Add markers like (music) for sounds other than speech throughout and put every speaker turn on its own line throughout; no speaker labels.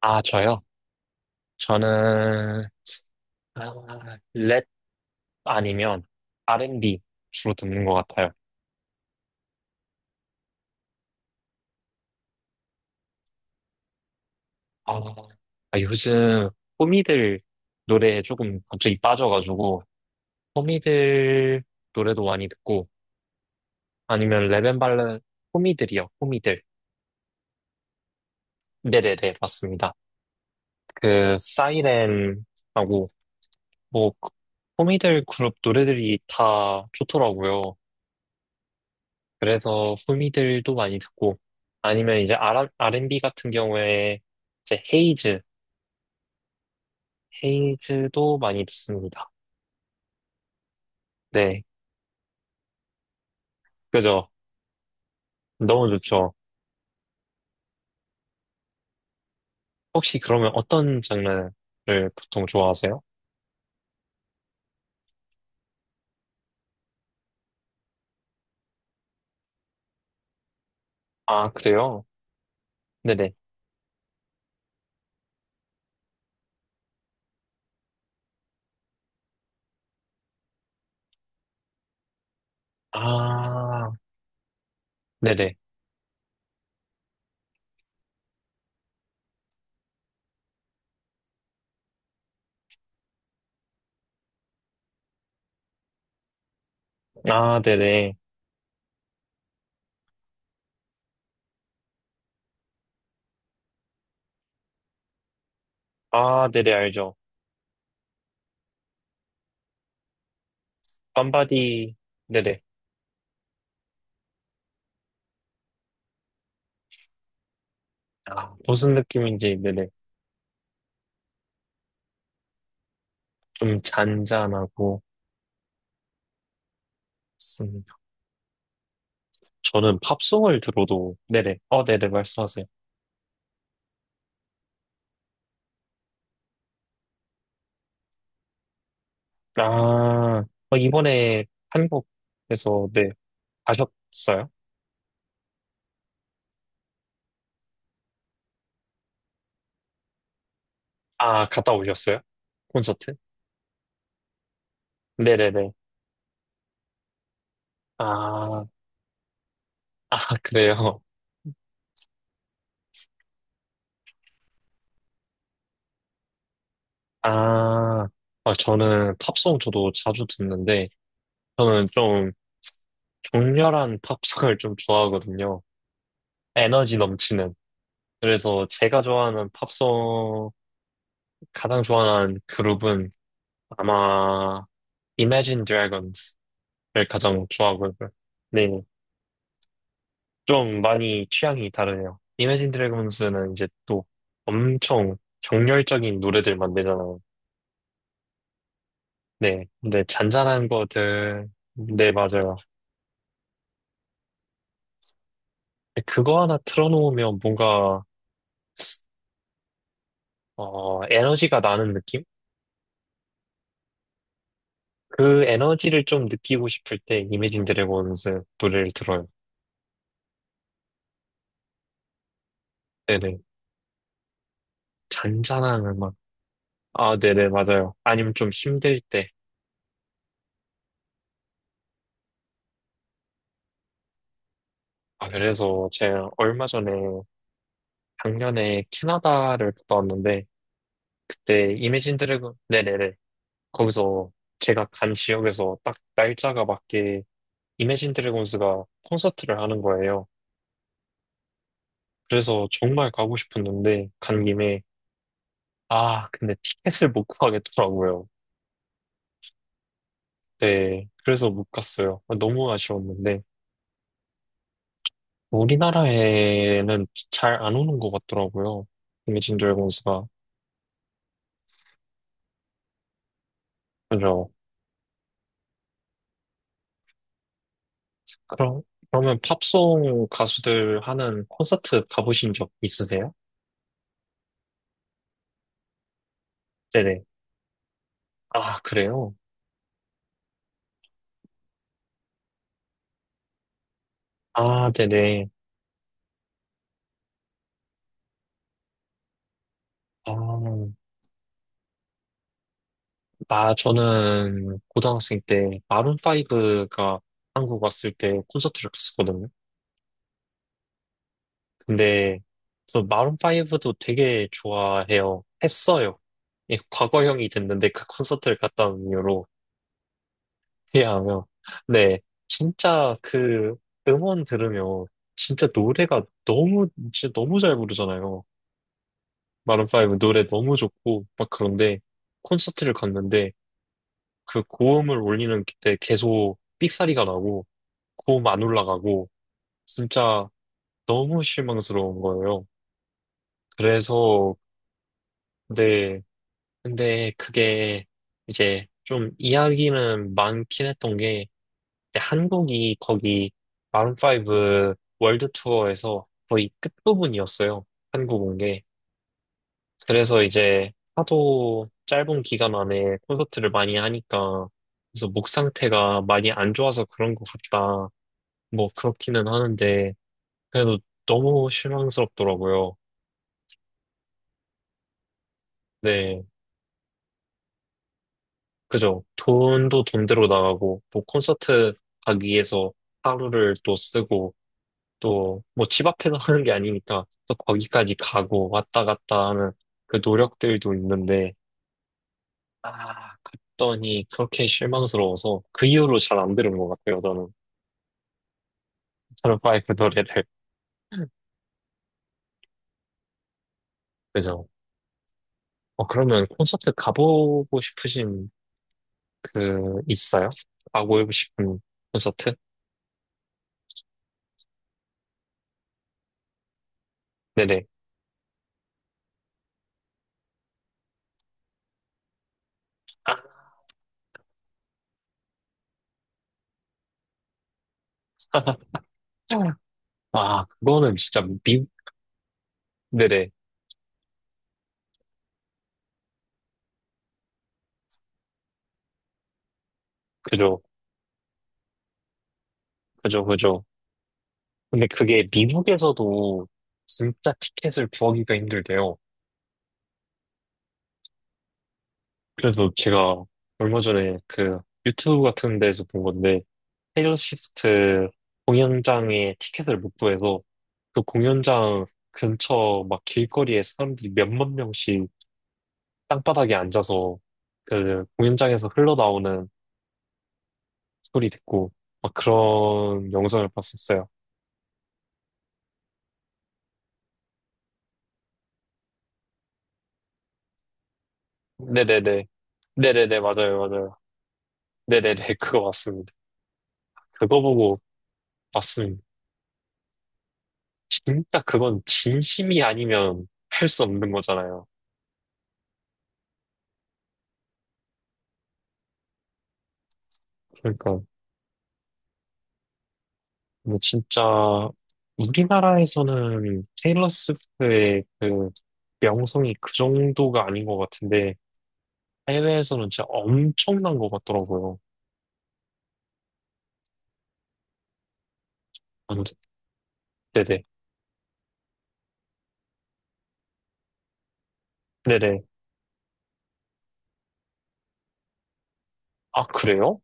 아, 저요? 저는, 아, 랩 아니면 R&B 주로 듣는 것 같아요. 아, 요즘 호미들 노래에 조금 갑자기 빠져가지고, 호미들 노래도 많이 듣고, 아니면 랩앤발레, 호미들이요, 호미들. 네네네, 맞습니다. 사이렌하고, 뭐, 호미들 그룹 노래들이 다 좋더라고요. 그래서 후미들도 많이 듣고, 아니면 이제 R&B 같은 경우에 이제 헤이즈, 헤이즈도 많이 듣습니다. 네, 그죠? 너무 좋죠. 혹시 그러면 어떤 장르를 보통 좋아하세요? 아, 그래요? 네네. 아, 네네. 아, 네네. 아, 네네, 알죠. 밤바디, 네네. 아, 무슨 느낌인지, 네네. 좀 잔잔하고, 음, 저는 팝송을 들어도, 네네. 네네, 말씀하세요. 아, 어, 이번에 한국에서, 네, 가셨어요? 아, 갔다 오셨어요? 콘서트? 네네네. 아, 아, 그래요? 아, 아, 저는 팝송 저도 자주 듣는데, 저는 좀 격렬한 팝송을 좀 좋아하거든요. 에너지 넘치는. 그래서 제가 좋아하는 팝송, 가장 좋아하는 그룹은 아마 Imagine Dragons를 가장 좋아하고요. 네. 좀 많이 취향이 다르네요. 이매진 드래곤스는 이제 또 엄청 정열적인 노래들만 내잖아요. 네, 근데 잔잔한 것들, 네, 맞아요. 그거 하나 틀어놓으면 뭔가, 어, 에너지가 나는 느낌? 그 에너지를 좀 느끼고 싶을 때 이매진 드래곤스 노래를 들어요. 네네. 잔잔한 음악. 아, 네네, 맞아요. 아니면 좀 힘들 때. 아, 그래서 제가 얼마 전에 작년에 캐나다를 갔다 왔는데, 그때 이매진 드래곤 네네네 거기서 제가 간 지역에서 딱 날짜가 맞게 이매진 드래곤스가 콘서트를 하는 거예요. 그래서 정말 가고 싶었는데 간 김에 아 근데 티켓을 못 구하겠더라고요. 네 그래서 못 갔어요. 너무 아쉬웠는데 우리나라에는 잘 안 오는 것 같더라고요. 이매진 드래곤스가 그죠? 그럼 그러면 팝송 가수들 하는 콘서트 가보신 적 있으세요? 네네. 아, 그래요? 아, 네네. 아, 저는 고등학생 때 마룬5가 한국 왔을 때 콘서트를 갔었거든요. 근데, 저 마룬5도 되게 좋아해요. 했어요. 예, 과거형이 됐는데 그 콘서트를 갔다 온 이유로 이해하면, 네. 진짜 음원 들으면 진짜 노래가 너무, 진짜 너무 잘 부르잖아요. 마룬5 노래 너무 좋고, 막 그런데 콘서트를 갔는데, 그 고음을 올리는 때 계속 삑사리가 나고 고음 안 올라가고 진짜 너무 실망스러운 거예요. 그래서 근데 근데 그게 이제 좀 이야기는 많긴 했던 게 이제 한국이 거기 마룬5 월드 투어에서 거의 끝부분이었어요. 한국 온 게. 그래서 이제 하도 짧은 기간 안에 콘서트를 많이 하니까 그래서 목 상태가 많이 안 좋아서 그런 것 같다. 뭐 그렇기는 하는데 그래도 너무 실망스럽더라고요. 네, 그죠. 돈도 돈대로 나가고 뭐 콘서트 가기 위해서 하루를 또 쓰고 또 뭐 집 앞에서 하는 게 아니니까 또 거기까지 가고 왔다 갔다 하는 그 노력들도 있는데 아 갔더니 그렇게 실망스러워서 그 이후로 잘 안 들은 것 같아요. 저는 저는 파이브 노래를 그죠. 어, 그러면 콘서트 가보고 싶으신 그, 있어요? 가고 싶은 콘서트? 네네. 아, 아, 그거는 진짜 미, 네네. 그죠, 그죠. 근데 그게 미국에서도 진짜 티켓을 구하기가 힘들대요. 그래서 제가 얼마 전에 그 유튜브 같은 데서 본 건데, 테일러 스위프트 공연장에 티켓을 못 구해서 그 공연장 근처 막 길거리에 사람들이 몇만 명씩 땅바닥에 앉아서 그 공연장에서 흘러나오는 소리 듣고 막 그런 영상을 봤었어요. 네네네. 네네네, 맞아요, 맞아요. 네네네, (laughs) 그거 맞습니다. 그거 보고 봤습니다. 진짜 그건 진심이 아니면 할 수 없는 거잖아요. 그러니까, 뭐 진짜, 우리나라에서는 테일러 스위프트의 그 명성이 그 정도가 아닌 것 같은데, 해외에서는 진짜 엄청난 것 같더라고요. 아무튼, 네네. 네네. 아, 그래요?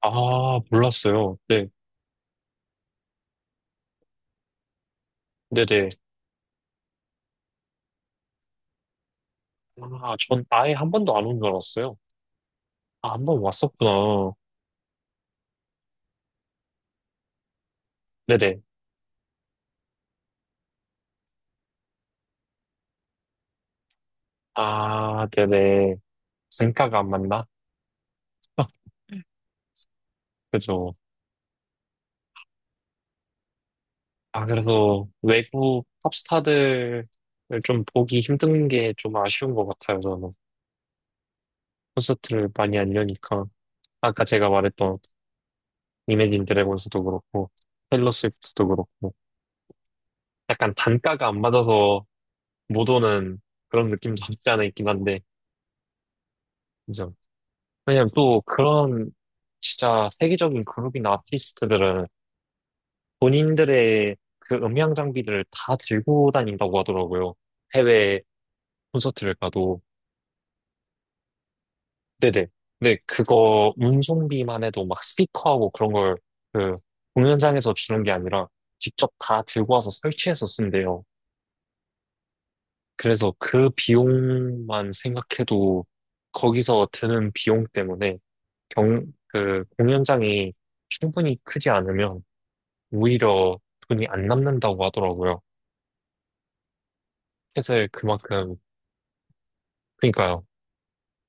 아, 몰랐어요. 네. 네네. 아, 전 아예 한 번도 안 온 줄 알았어요. 아, 한 번 왔었구나. 네네. 아, 네네. 생가가 안 맞나? (laughs) 그죠. 아, 그래서 외국 팝스타들을 좀 보기 힘든 게 좀 아쉬운 것 같아요, 저는. 콘서트를 많이 안 여니까. 아까 제가 말했던 이매진 드래곤스도 그렇고, 테일러 스위프트도 그렇고, 약간 단가가 안 맞아서 못 오는 그런 느낌도 없지 않아 있긴 한데, 그죠. 왜냐면 또 그런 진짜 세계적인 그룹이나 아티스트들은 본인들의 그 음향 장비들을 다 들고 다닌다고 하더라고요. 해외 콘서트를 가도. 네네. 근데 그거 운송비만 해도 막 스피커하고 그런 걸 그 공연장에서 주는 게 아니라 직접 다 들고 와서 설치해서 쓴대요. 그래서 그 비용만 생각해도 거기서 드는 비용 때문에 경, 그 공연장이 충분히 크지 않으면 오히려 돈이 안 남는다고 하더라고요. 폐쇄 그만큼, 그러니까요.